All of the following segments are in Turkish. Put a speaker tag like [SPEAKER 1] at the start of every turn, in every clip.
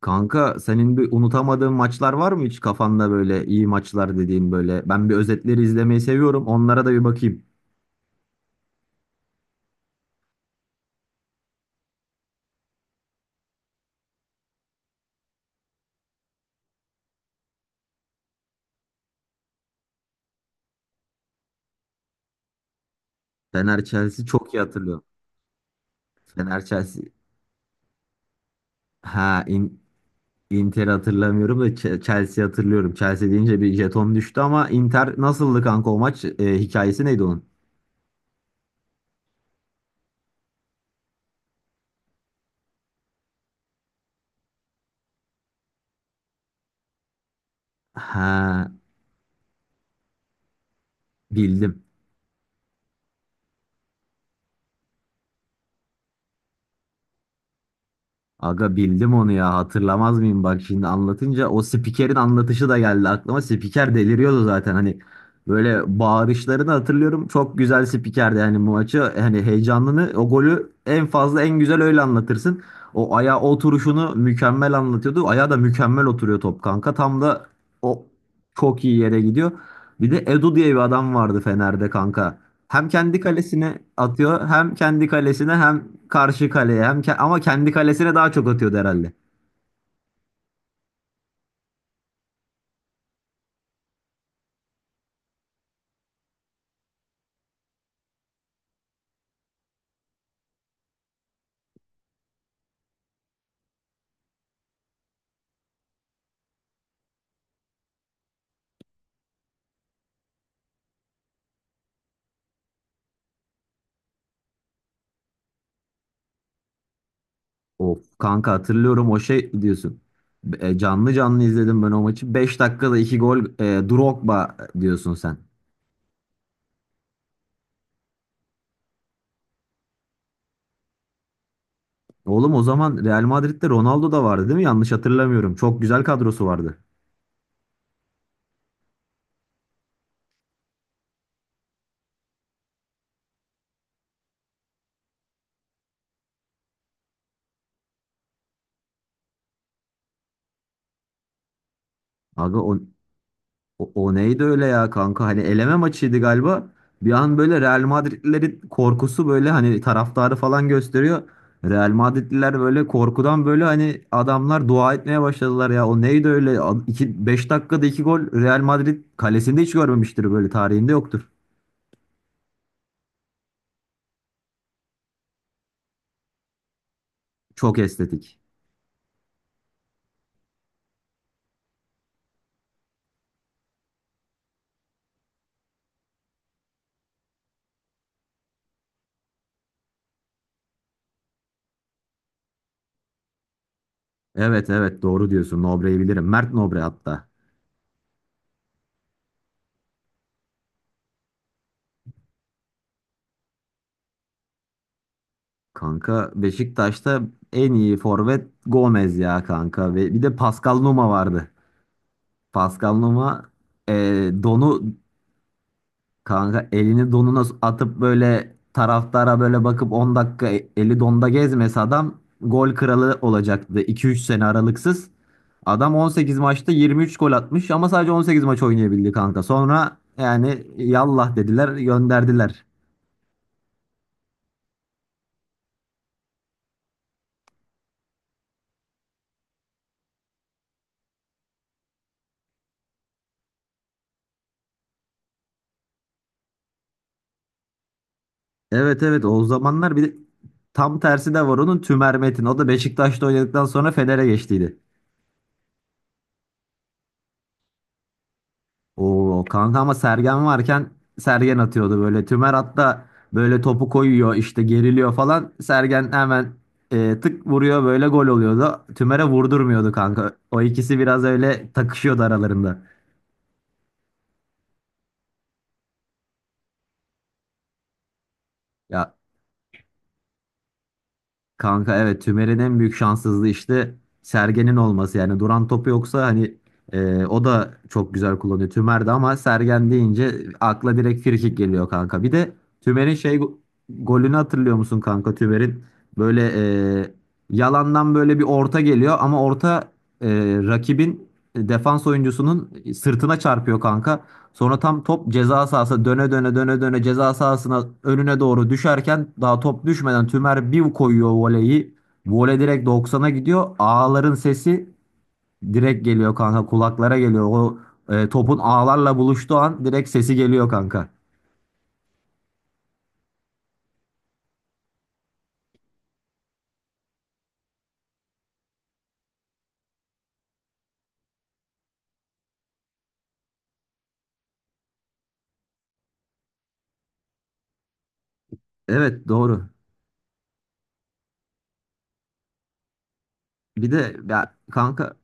[SPEAKER 1] Kanka senin bir unutamadığın maçlar var mı hiç kafanda böyle iyi maçlar dediğin böyle? Ben bir özetleri izlemeyi seviyorum. Onlara da bir bakayım. Fener Chelsea çok iyi hatırlıyorum. Fener Chelsea. Ha in, Inter hatırlamıyorum da Chelsea hatırlıyorum. Chelsea deyince bir jeton düştü ama Inter nasıldı kanka o maç? Hikayesi neydi onun? Ha, bildim. Aga, bildim onu ya, hatırlamaz mıyım? Bak şimdi anlatınca o spikerin anlatışı da geldi aklıma. Spiker deliriyordu zaten, hani böyle bağırışlarını hatırlıyorum. Çok güzel spikerdi yani bu maçı, hani heyecanını, o golü en fazla en güzel öyle anlatırsın. O ayağa oturuşunu mükemmel anlatıyordu. Ayağı da mükemmel oturuyor top kanka, tam da o çok iyi yere gidiyor. Bir de Edu diye bir adam vardı Fener'de kanka. Hem kendi kalesine atıyor, hem kendi kalesine, hem karşı kaleye, ama kendi kalesine daha çok atıyordu herhalde. Of kanka, hatırlıyorum o şey diyorsun. Canlı canlı izledim ben o maçı. 5 dakikada 2 gol, Drogba diyorsun sen. Oğlum o zaman Real Madrid'de Ronaldo da vardı değil mi? Yanlış hatırlamıyorum. Çok güzel kadrosu vardı. Aga, o neydi öyle ya kanka? Hani eleme maçıydı galiba. Bir an böyle Real Madridlilerin korkusu, böyle hani taraftarı falan gösteriyor. Real Madridliler böyle korkudan, böyle hani adamlar dua etmeye başladılar ya. O neydi öyle? 5 dakikada 2 gol Real Madrid kalesinde hiç görmemiştir, böyle tarihinde yoktur. Çok estetik. Evet evet, doğru diyorsun. Nobre'yi bilirim. Mert Nobre hatta. Kanka Beşiktaş'ta en iyi forvet Gomez ya kanka. Ve bir de Pascal Numa vardı. Pascal Numa, e, donu kanka elini donuna atıp böyle taraftara böyle bakıp 10 dakika, eli donda gezmesi, adam gol kralı olacaktı iki üç sene aralıksız. Adam 18 maçta 23 gol atmış ama sadece 18 maç oynayabildi kanka. Sonra yani yallah dediler, gönderdiler. Evet evet, o zamanlar bir de tam tersi de var onun, Tümer Metin. O da Beşiktaş'ta oynadıktan sonra Fener'e geçtiydi. Oo kanka, ama Sergen varken Sergen atıyordu böyle. Tümer hatta böyle topu koyuyor, işte geriliyor falan. Sergen hemen tık vuruyor, böyle gol oluyordu. Tümer'e vurdurmuyordu kanka. O ikisi biraz öyle takışıyordu aralarında. Ya kanka, evet, Tümer'in en büyük şanssızlığı işte Sergen'in olması. Yani duran topu yoksa hani o da çok güzel kullanıyor Tümer de, ama Sergen deyince akla direkt frikik geliyor kanka. Bir de Tümer'in golünü hatırlıyor musun kanka, Tümer'in? Böyle e, yalandan böyle bir orta geliyor ama orta, e, rakibin defans oyuncusunun sırtına çarpıyor kanka. Sonra tam top ceza sahası döne döne döne döne, ceza sahasına önüne doğru düşerken daha top düşmeden Tümer bir koyuyor voleyi. Voley direkt doksan'a gidiyor. Ağların sesi direkt geliyor kanka, kulaklara geliyor. O, topun ağlarla buluştuğu an direkt sesi geliyor kanka. Evet, doğru. Bir de ya kanka,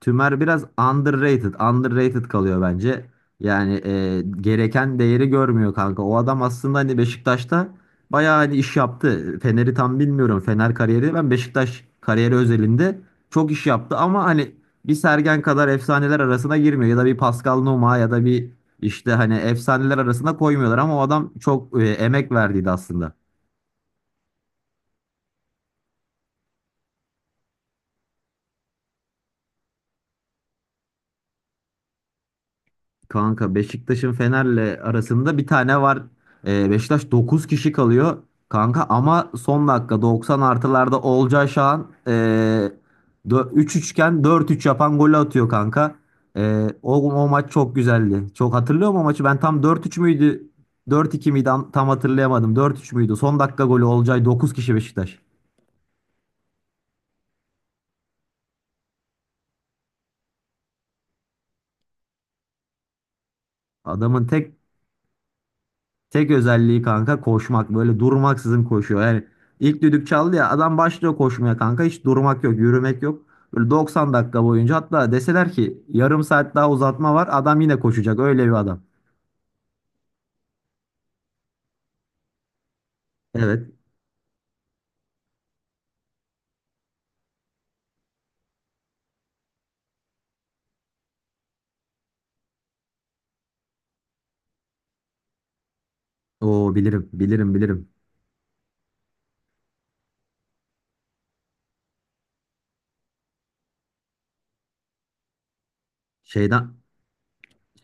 [SPEAKER 1] Tümer biraz underrated, underrated kalıyor bence. Yani gereken değeri görmüyor kanka. O adam aslında hani Beşiktaş'ta bayağı hani iş yaptı. Fener'i tam bilmiyorum. Fener kariyeri, ben Beşiktaş kariyeri özelinde çok iş yaptı ama hani bir Sergen kadar efsaneler arasına girmiyor ya da bir Pascal Nouma ya da bir işte, hani efsaneler arasına koymuyorlar ama o adam çok emek verdiydi aslında. Kanka Beşiktaş'ın Fener'le arasında bir tane var. Beşiktaş 9 kişi kalıyor. Kanka ama son dakika 90 artılarda Olcay Şahan, 3-3 iken 4 yapan golü atıyor kanka. O maç çok güzeldi. Çok hatırlıyorum o maçı. Ben tam, dört üç müydü? Dört iki miydi? Tam hatırlayamadım. Dört üç müydü? Son dakika golü Olcay, 9 kişi Beşiktaş. Adamın tek özelliği kanka koşmak. Böyle durmaksızın koşuyor. Yani ilk düdük çaldı ya adam başlıyor koşmaya kanka. Hiç durmak yok, yürümek yok. Böyle 90 dakika boyunca, hatta deseler ki yarım saat daha uzatma var, adam yine koşacak. Öyle bir adam. Evet. Oo bilirim, bilirim, bilirim. Şeyden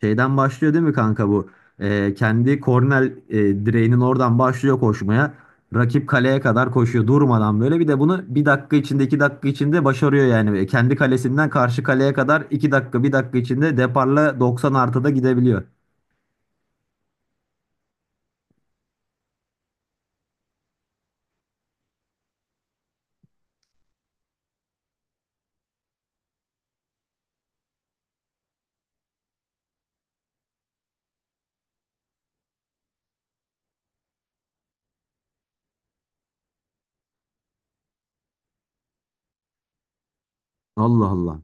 [SPEAKER 1] Şeyden başlıyor değil mi kanka bu? Kendi korner, direğinin oradan başlıyor koşmaya. Rakip kaleye kadar koşuyor durmadan böyle. Bir de bunu bir dakika içinde iki dakika içinde başarıyor yani. Kendi kalesinden karşı kaleye kadar iki dakika bir dakika içinde deparla 90 artıda gidebiliyor. Allah Allah.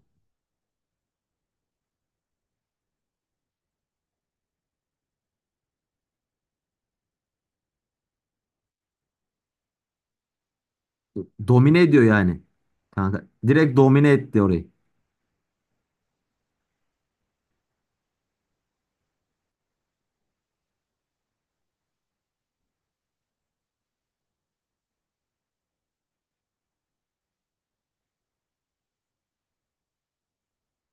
[SPEAKER 1] Domine ediyor yani. Kanka direkt domine etti orayı.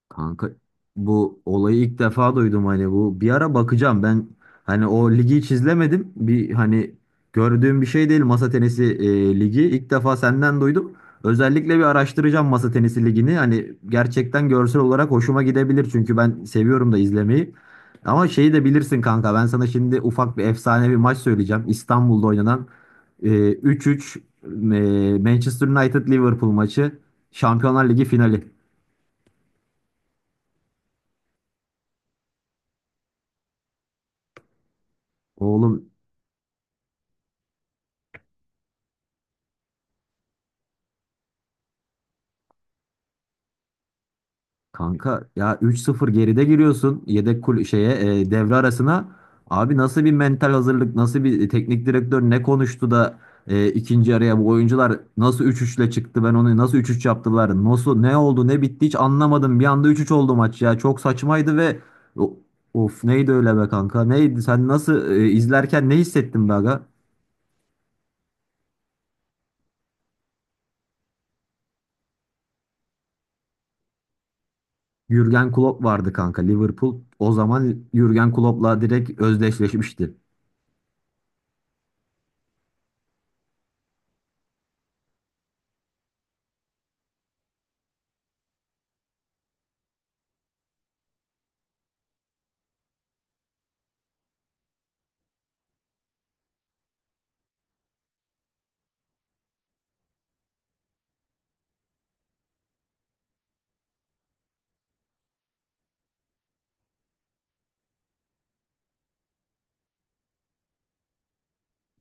[SPEAKER 1] Kanka bu olayı ilk defa duydum, hani bu bir ara bakacağım ben. Hani o ligi hiç izlemedim, bir hani gördüğüm bir şey değil masa tenisi ligi. İlk defa senden duydum, özellikle bir araştıracağım masa tenisi ligini, hani gerçekten görsel olarak hoşuma gidebilir çünkü ben seviyorum da izlemeyi. Ama şeyi de bilirsin kanka, ben sana şimdi ufak bir efsane bir maç söyleyeceğim: İstanbul'da oynanan 3-3, Manchester United Liverpool maçı, Şampiyonlar Ligi finali. Oğlum, kanka ya, 3-0 geride giriyorsun yedek kul şeye, devre arasına. Abi nasıl bir mental hazırlık, nasıl bir teknik direktör ne konuştu da ikinci araya bu oyuncular nasıl üç üçle çıktı? Ben onu nasıl üç üç yaptılar? Nasıl ne oldu, ne bitti hiç anlamadım. Bir anda üç üç oldu maç ya. Çok saçmaydı ve o- of neydi öyle be kanka? Neydi? Sen nasıl izlerken ne hissettin be aga? Jürgen Klopp vardı kanka Liverpool. O zaman Jürgen Klopp'la direkt özdeşleşmişti.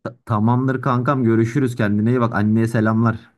[SPEAKER 1] Tamamdır kankam, görüşürüz, kendine iyi bak, anneye selamlar.